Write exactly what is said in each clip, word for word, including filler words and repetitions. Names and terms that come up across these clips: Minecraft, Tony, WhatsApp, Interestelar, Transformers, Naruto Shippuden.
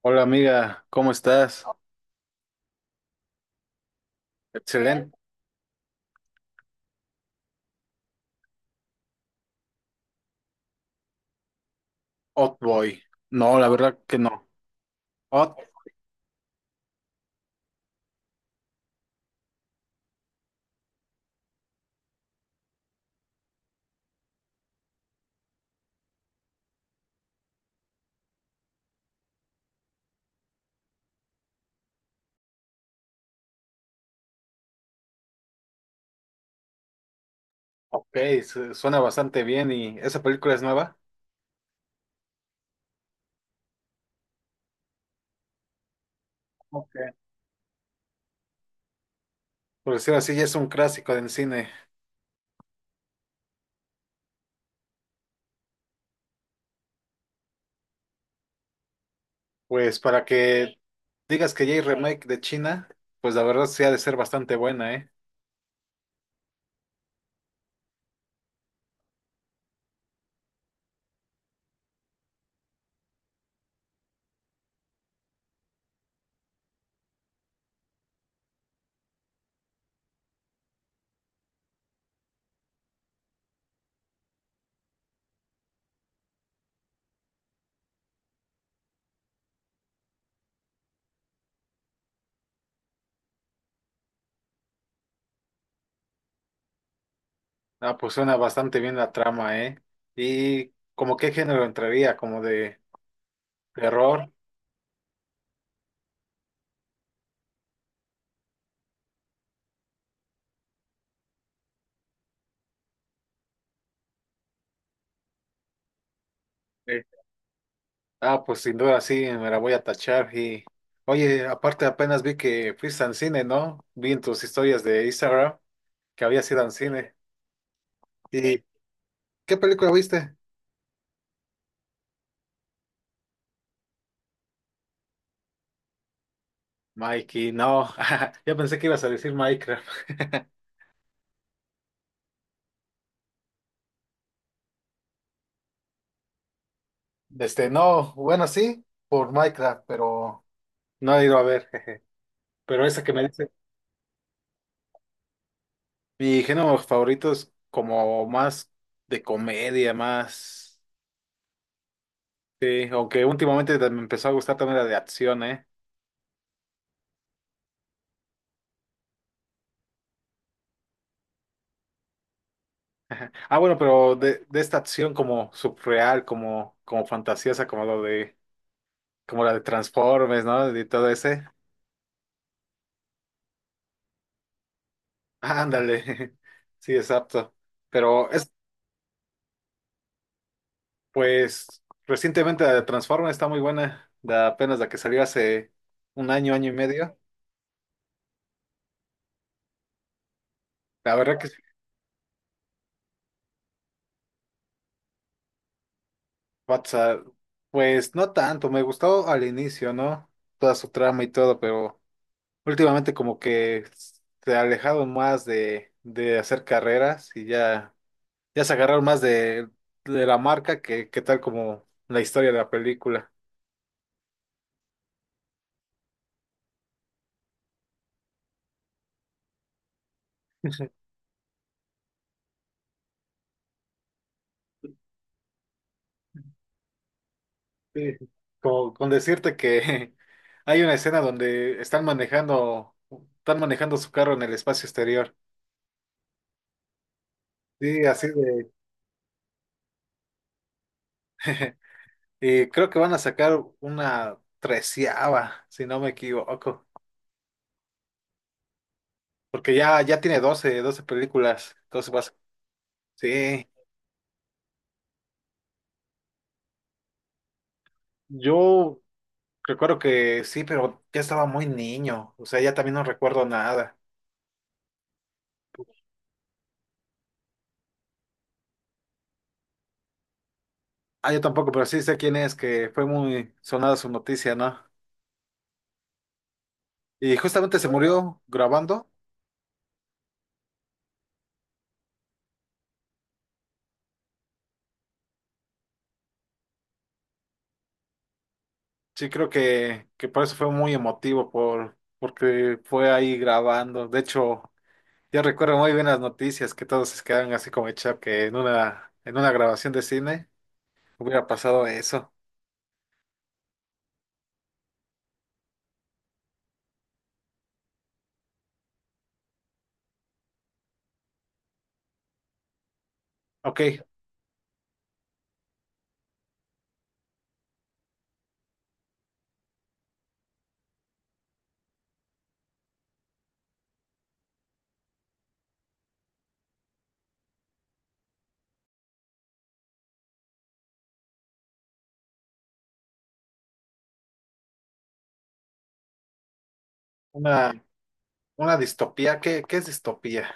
Hola amiga, ¿cómo estás? Excelente. Boy. No, la verdad que no. Hot, ok, su- suena bastante bien y esa película es nueva. Ok. Por decirlo así, ya es un clásico del cine. Pues para que digas que ya hay remake de China, pues la verdad sí ha de ser bastante buena, ¿eh? Ah, pues suena bastante bien la trama, ¿eh? ¿Y como qué género entraría? ¿Como de terror? Ah, pues sin duda sí, me la voy a tachar y... Oye, aparte apenas vi que fuiste al cine, ¿no? Vi en tus historias de Instagram que habías ido al cine. ¿Y qué película viste? Mikey, no. Yo pensé que ibas a decir Minecraft. Este, no, bueno, sí, por Minecraft, pero no he ido a ver, jeje. Pero esa que me dice, mi género favorito es como más de comedia, más... Sí, aunque últimamente me empezó a gustar también la de acción, ¿eh? Ah, bueno, pero de, de esta acción como subreal, como, como fantasiosa, como lo de, como la de Transformers, ¿no? Y todo ese. Ándale. Sí, exacto. Pero es, pues, recientemente la de Transformers está muy buena. La, apenas la que salió hace un año, año y medio. La verdad que sí, WhatsApp, pues no tanto. Me gustó al inicio, ¿no? Toda su trama y todo, pero últimamente como que se alejaron más de, de hacer carreras y ya. Ya se agarraron más de, de la marca que, que tal como la historia de la película. Sí. Como con decirte que hay una escena donde están manejando, están manejando su carro en el espacio exterior. Sí, así de. Y creo que van a sacar una treceava, si no me equivoco. Porque ya, ya tiene doce doce películas. Entonces vas. Sí. Yo recuerdo que sí, pero ya estaba muy niño. O sea, ya también no recuerdo nada. Ah, yo tampoco, pero sí sé quién es, que fue muy sonada su noticia, ¿no? Y justamente se murió grabando. Sí, creo que, que por eso fue muy emotivo, por, porque fue ahí grabando. De hecho, yo recuerdo muy bien las noticias, que todos se quedaron así como hecha que en una, en una grabación de cine hubiera pasado eso. Ok, una, una distopía. ¿Qué, qué es distopía?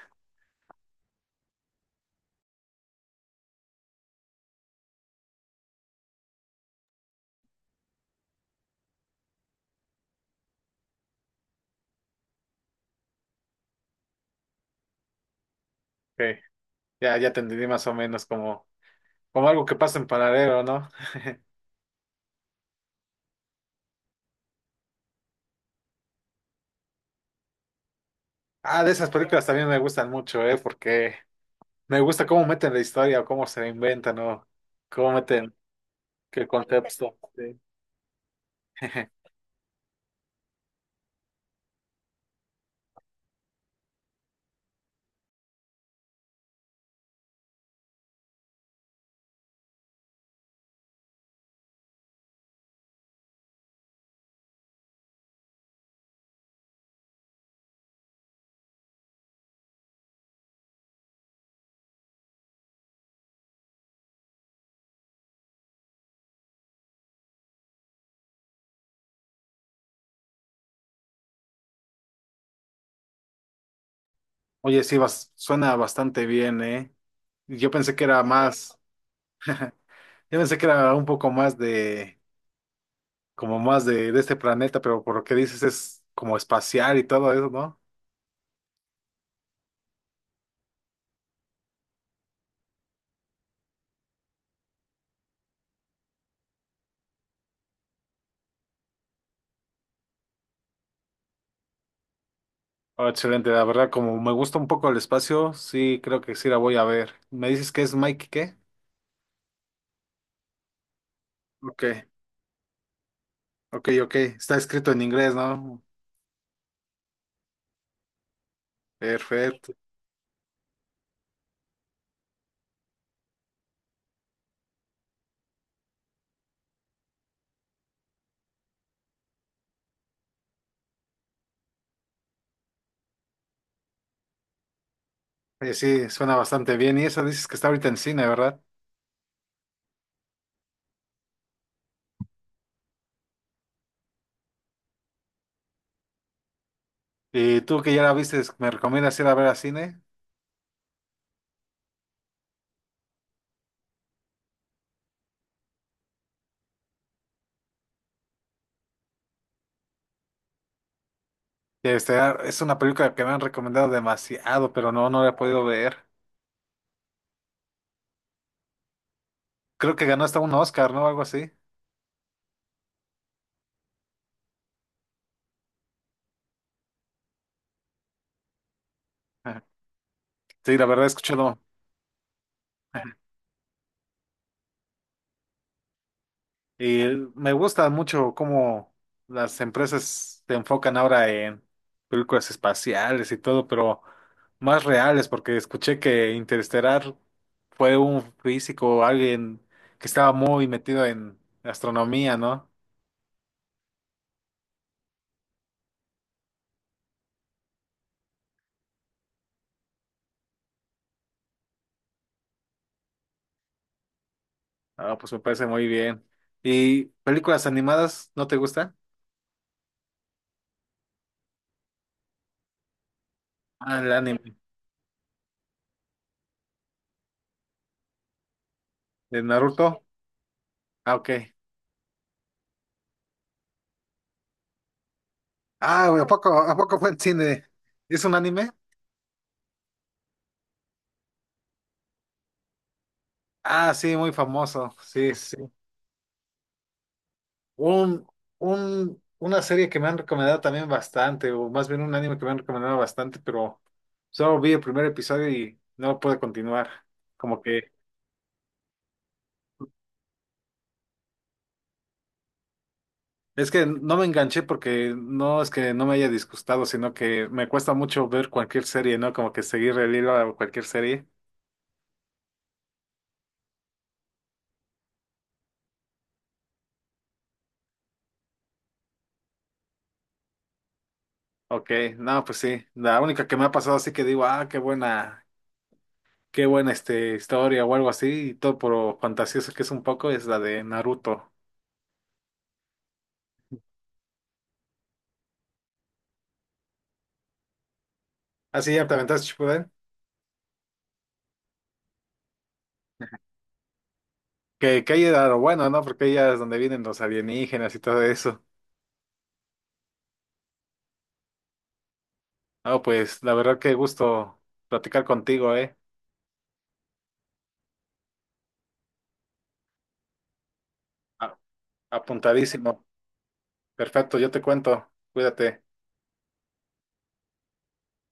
Ok, ya, ya te entendí más o menos como, como algo que pasa en paralelo, ¿no? Ah, de esas películas también me gustan mucho, ¿eh? Porque me gusta cómo meten la historia, cómo se la inventan, ¿no? Cómo meten qué contexto. Sí. Oye, sí, bas- suena bastante bien, ¿eh? Yo pensé que era más, yo pensé que era un poco más de, como más de, de este planeta, pero por lo que dices es como espacial y todo eso, ¿no? Oh, excelente, la verdad, como me gusta un poco el espacio, sí, creo que sí la voy a ver. ¿Me dices que es Mike qué? Ok, ok, ok. Está escrito en inglés, ¿no? Perfecto. Oye, sí, suena bastante bien. Y esa dices que está ahorita en cine, ¿verdad? Y tú que ya la viste, ¿me recomiendas ir a ver a cine? Este, ah, es una película que me han recomendado demasiado, pero no, no la he podido ver. Creo que ganó hasta un Oscar, ¿no? Algo así. Ajá. Sí, la verdad, he escuchado. Y me gusta mucho cómo las empresas se enfocan ahora en películas espaciales y todo, pero más reales, porque escuché que Interestelar fue un físico, alguien que estaba muy metido en astronomía, ¿no? Ah, pues me parece muy bien. ¿Y películas animadas no te gustan? Ah, el anime de Naruto. Ah, ok. Ah, ¿a poco, a poco fue en cine? ¿Es un anime? Ah, sí, muy famoso. Sí, sí. Sí. Un, un, una serie que me han recomendado también bastante, o más bien un anime que me han recomendado bastante, pero solo vi el primer episodio y no pude continuar. Como que es que no me enganché porque no es que no me haya disgustado, sino que me cuesta mucho ver cualquier serie, ¿no? Como que seguir el hilo a cualquier serie. Ok, no, pues sí. La única que me ha pasado así que digo, ah, qué buena, qué buena este, historia o algo así, y todo por fantasioso que es un poco, es la de Naruto. Así ya te aventaste, ¿Shippuden? Que, que ahí era lo bueno, ¿no? Porque ahí es donde vienen los alienígenas y todo eso. No, pues la verdad que gusto platicar contigo, ¿eh? A- Apuntadísimo. Perfecto, yo te cuento. Cuídate.